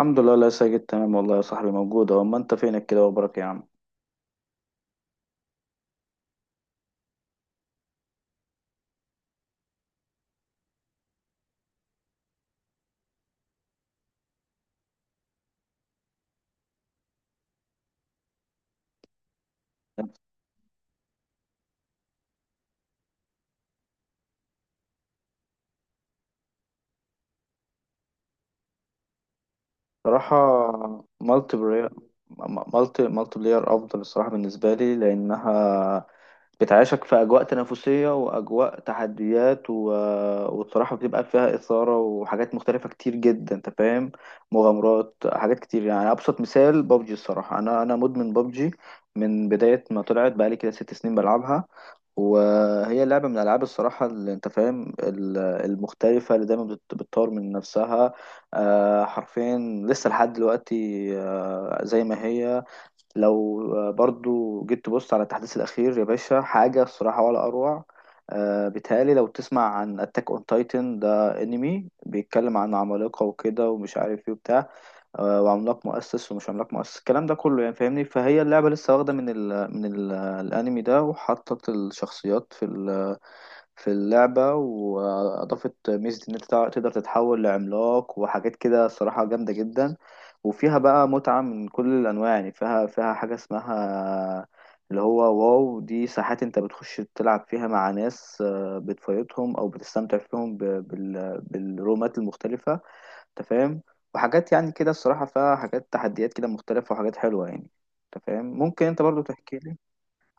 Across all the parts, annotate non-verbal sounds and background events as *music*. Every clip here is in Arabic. الحمد لله، لا ساجد، تمام والله يا صاحبي، موجود اهو. ما انت فينك كده وبرك يا عم؟ بصراحة، مالتي بلاير مالتي بلاير افضل الصراحة بالنسبة لي لانها بتعيشك في اجواء تنافسية واجواء تحديات والصراحة بتبقى فيها اثارة وحاجات مختلفة كتير جدا. انت فاهم؟ مغامرات، حاجات كتير. يعني ابسط مثال ببجي. الصراحة انا مدمن ببجي، من بداية ما طلعت بقالي كده 6 سنين بلعبها. وهي لعبة من الألعاب، الصراحة، اللي أنت فاهم المختلفة، اللي دايما بتطور من نفسها. حرفيا لسه لحد دلوقتي، زي ما هي. لو برضو جيت تبص على التحديث الأخير يا باشا، حاجة الصراحة ولا أروع. بيتهيألي لو تسمع عن أتاك أون تايتن، ده أنمي بيتكلم عن عمالقة وكده ومش عارف ايه وبتاع. وعملاق مؤسس ومش عملاق مؤسس، الكلام ده كله، يعني فاهمني. فهي اللعبة لسه واخدة من الأنمي ده، وحطت الشخصيات في اللعبة، وأضافت ميزة إن أنت تقدر تتحول لعملاق وحاجات كده، صراحة جامدة جدا. وفيها بقى متعة من كل الأنواع. يعني فيها حاجة اسمها اللي هو، واو، دي ساحات انت بتخش تلعب فيها مع ناس، بتفايتهم او بتستمتع فيهم بالرومات المختلفة. انت فاهم؟ وحاجات يعني كده، الصراحة فيها حاجات تحديات كده مختلفة وحاجات حلوة يعني. انت فاهم؟ ممكن انت برضو تحكي لي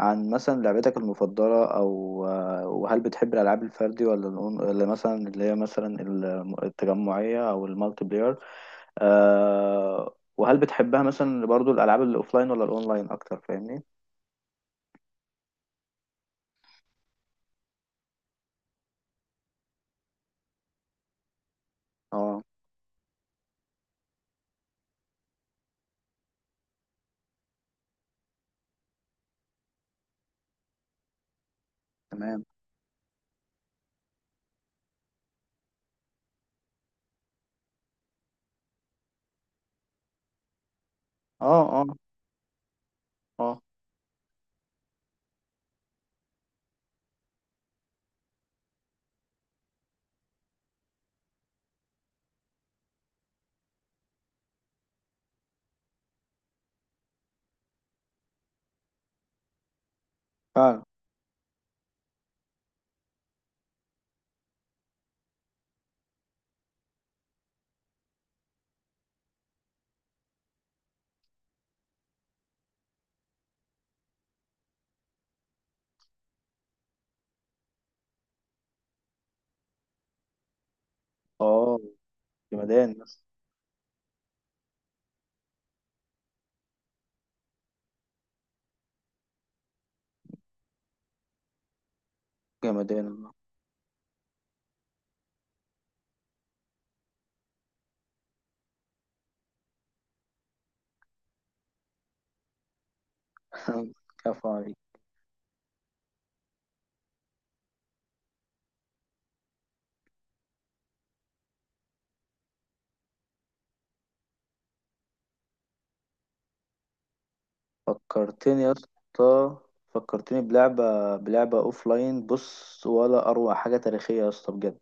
عن مثلا لعبتك المفضلة، او وهل بتحب الالعاب الفردي ولا ولا مثلا اللي هي مثلا التجمعية او المالتي بلاير. وهل بتحبها مثلا برضو الالعاب الاوفلاين ولا الاونلاين اكتر، فاهمني؟ اه، تمام. اه، اه، اه. فعلا. اه، جمدان، بس جمدان. *laughs* كفو عليك. فكرتني يا اسطى فكرتني بلعبة اوف لاين، بص، ولا اروع حاجة تاريخية يا اسطى بجد.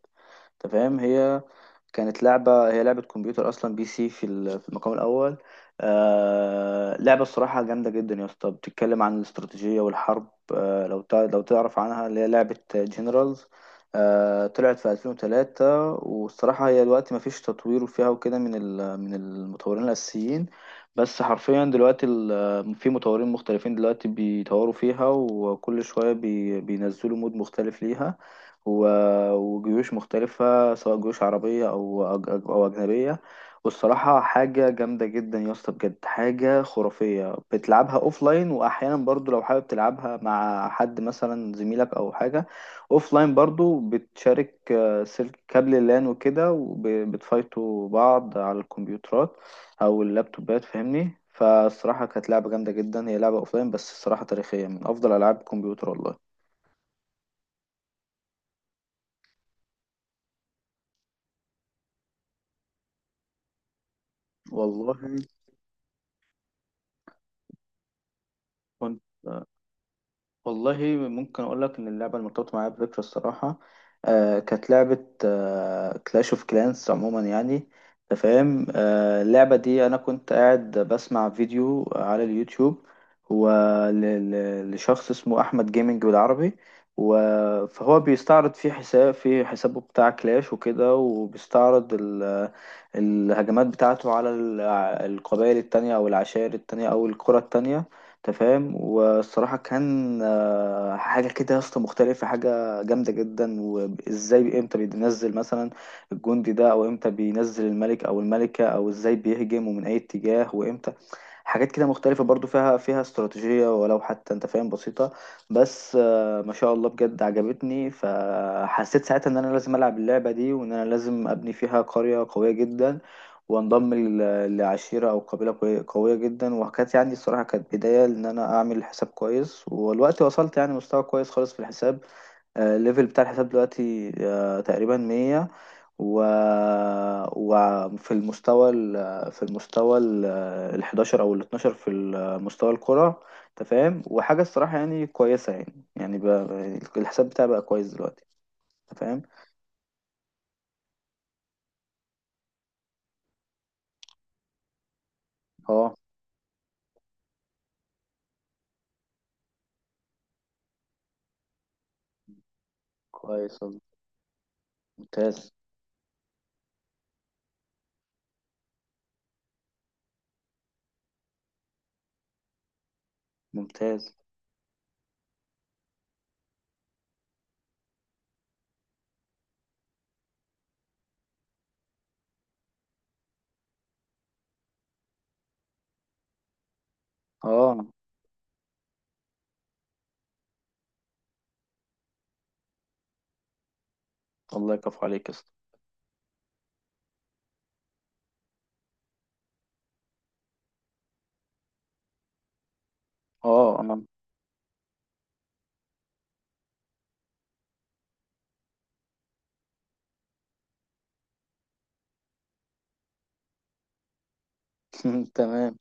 انت فاهم، هي لعبة كمبيوتر أصلا، بي سي في المقام الأول. لعبة الصراحة جامدة جدا يا اسطى، بتتكلم عن الاستراتيجية والحرب. لو تعرف عنها، اللي هي لعبة جنرالز. طلعت في 2003، والصراحة هي دلوقتي مفيش تطوير فيها وكده من المطورين الأساسيين. بس حرفيا دلوقتي في مطورين مختلفين دلوقتي بيطوروا فيها، وكل شوية بينزلوا مود مختلف ليها، وجيوش مختلفة سواء جيوش عربية، أو أجنبية. والصراحة حاجة جامدة جدا يا اسطى بجد، حاجة خرافية، بتلعبها أوفلاين. وأحيانا برضو لو حابب تلعبها مع حد مثلا، زميلك أو حاجة، أوفلاين برضو بتشارك سلك كابل اللان وكده، وبتفايتوا بعض على الكمبيوترات أو اللابتوبات، فاهمني. فالصراحة كانت لعبة جامدة جدا، هي لعبة أوفلاين بس الصراحة تاريخية، من أفضل ألعاب الكمبيوتر والله كنت والله ممكن اقول لك ان اللعبه المرتبطه معايا بذكرى الصراحه. كانت لعبه كلاش اوف كلانس عموما يعني. انت فاهم؟ اللعبه دي انا كنت قاعد بسمع فيديو على اليوتيوب، هو لشخص اسمه احمد جيمنج بالعربي. فهو بيستعرض في حسابه بتاع كلاش وكده، وبيستعرض الهجمات بتاعته على القبائل التانية، او العشائر التانية، او القرى التانية. انت فاهم؟ والصراحه كان حاجه كده يا اسطى مختلفه، حاجه جامده جدا. وازاي امتى بينزل مثلا الجندي ده، او امتى بينزل الملك او الملكه، او ازاي بيهجم ومن اي اتجاه وامتى، حاجات كده مختلفة برضو، فيها استراتيجية ولو حتى، انت فاهم، بسيطة. بس ما شاء الله بجد عجبتني، فحسيت ساعتها ان انا لازم العب اللعبة دي، وان انا لازم ابني فيها قرية قوية جدا، وانضم لعشيرة او قبيلة قوية جدا. وكانت يعني الصراحة كانت بداية ان انا اعمل حساب كويس، والوقت وصلت يعني مستوى كويس خالص في الحساب. الليفل بتاع الحساب دلوقتي تقريبا 100. و... في المستوى ال 11 او ال 12 في مستوى الكرة. انت فاهم؟ وحاجة الصراحة يعني كويسة يعني بقى، الحساب بتاعي بقى كويس دلوقتي. انت فاهم؟ اه، كويس والله. ممتاز، ممتاز. اه، الله يكفو عليك يا اسطى. اه، اه. *laughs* تمام.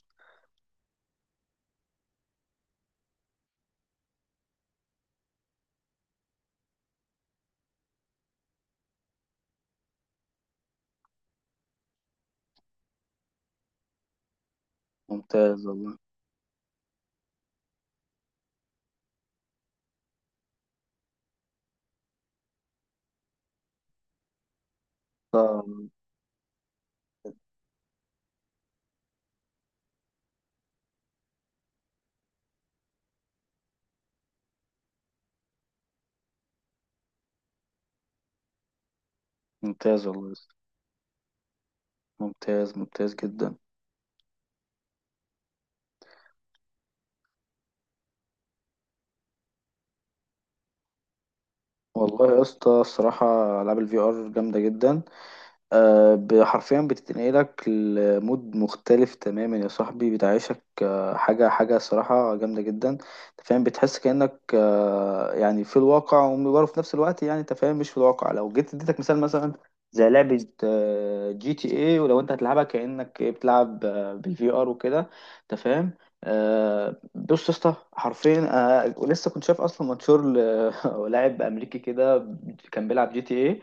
ممتاز والله. آه، ممتاز والله يا اسطى. ممتاز، ممتاز جدا. والله يا اسطى، الصراحة ألعاب الفي ار جامدة جدا. حرفيا بتتنقلك لمود مختلف تماما يا صاحبي، بتعيشك حاجة صراحة جامدة جدا. انت فاهم؟ بتحس كأنك يعني في الواقع ومبره في نفس الوقت، يعني انت فاهم، مش في الواقع. لو جيت اديتك مثال، مثلا زي لعبة جي تي اي، ولو انت هتلعبها كأنك بتلعب بالفي ار وكده. انت فاهم؟ بص يا اسطى، حرفيا ولسه كنت شايف اصلا منشور *laughs* لاعب امريكي كده كان بيلعب جي تي اي.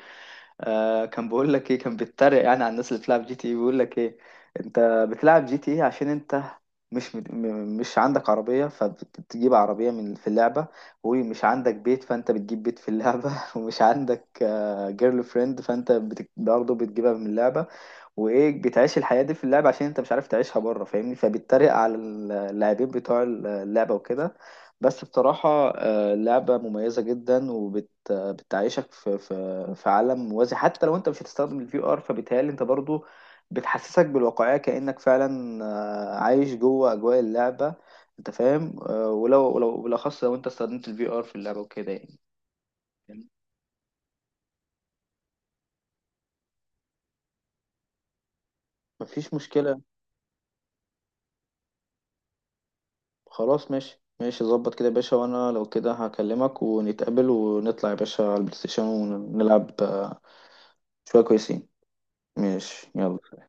كان بيقول لك ايه، كان بيتريق يعني على الناس اللي بتلعب جي تي ايه، بيقول لك ايه، انت بتلعب جي تي ايه عشان انت مش مد... م- مش عندك عربية، فبتجيب عربية من في اللعبة. ومش عندك بيت فانت بتجيب بيت في اللعبة. *laughs* ومش عندك جيرل فريند فانت برضه بتجيبها من اللعبة. وايه، بتعيش الحياه دي في اللعب عشان انت مش عارف تعيشها بره، فاهمني. فبتتريق على اللاعبين بتوع اللعبه وكده. بس بصراحه، لعبه مميزه جدا، وبتعيشك في عالم موازي. حتى لو انت مش هتستخدم الفي ار، فبيتهيألي انت برضو بتحسسك بالواقعيه كانك فعلا عايش جوه اجواء اللعبه. انت فاهم؟ ولو بالاخص لو انت استخدمت الفي ار في اللعبه وكده يعني. مفيش مشكله، خلاص ماشي. ماشي، ظبط كده يا باشا. وانا لو كده هكلمك ونتقابل ونطلع يا باشا على البلاي ستيشن ونلعب شوية كويسين. ماشي، يلا.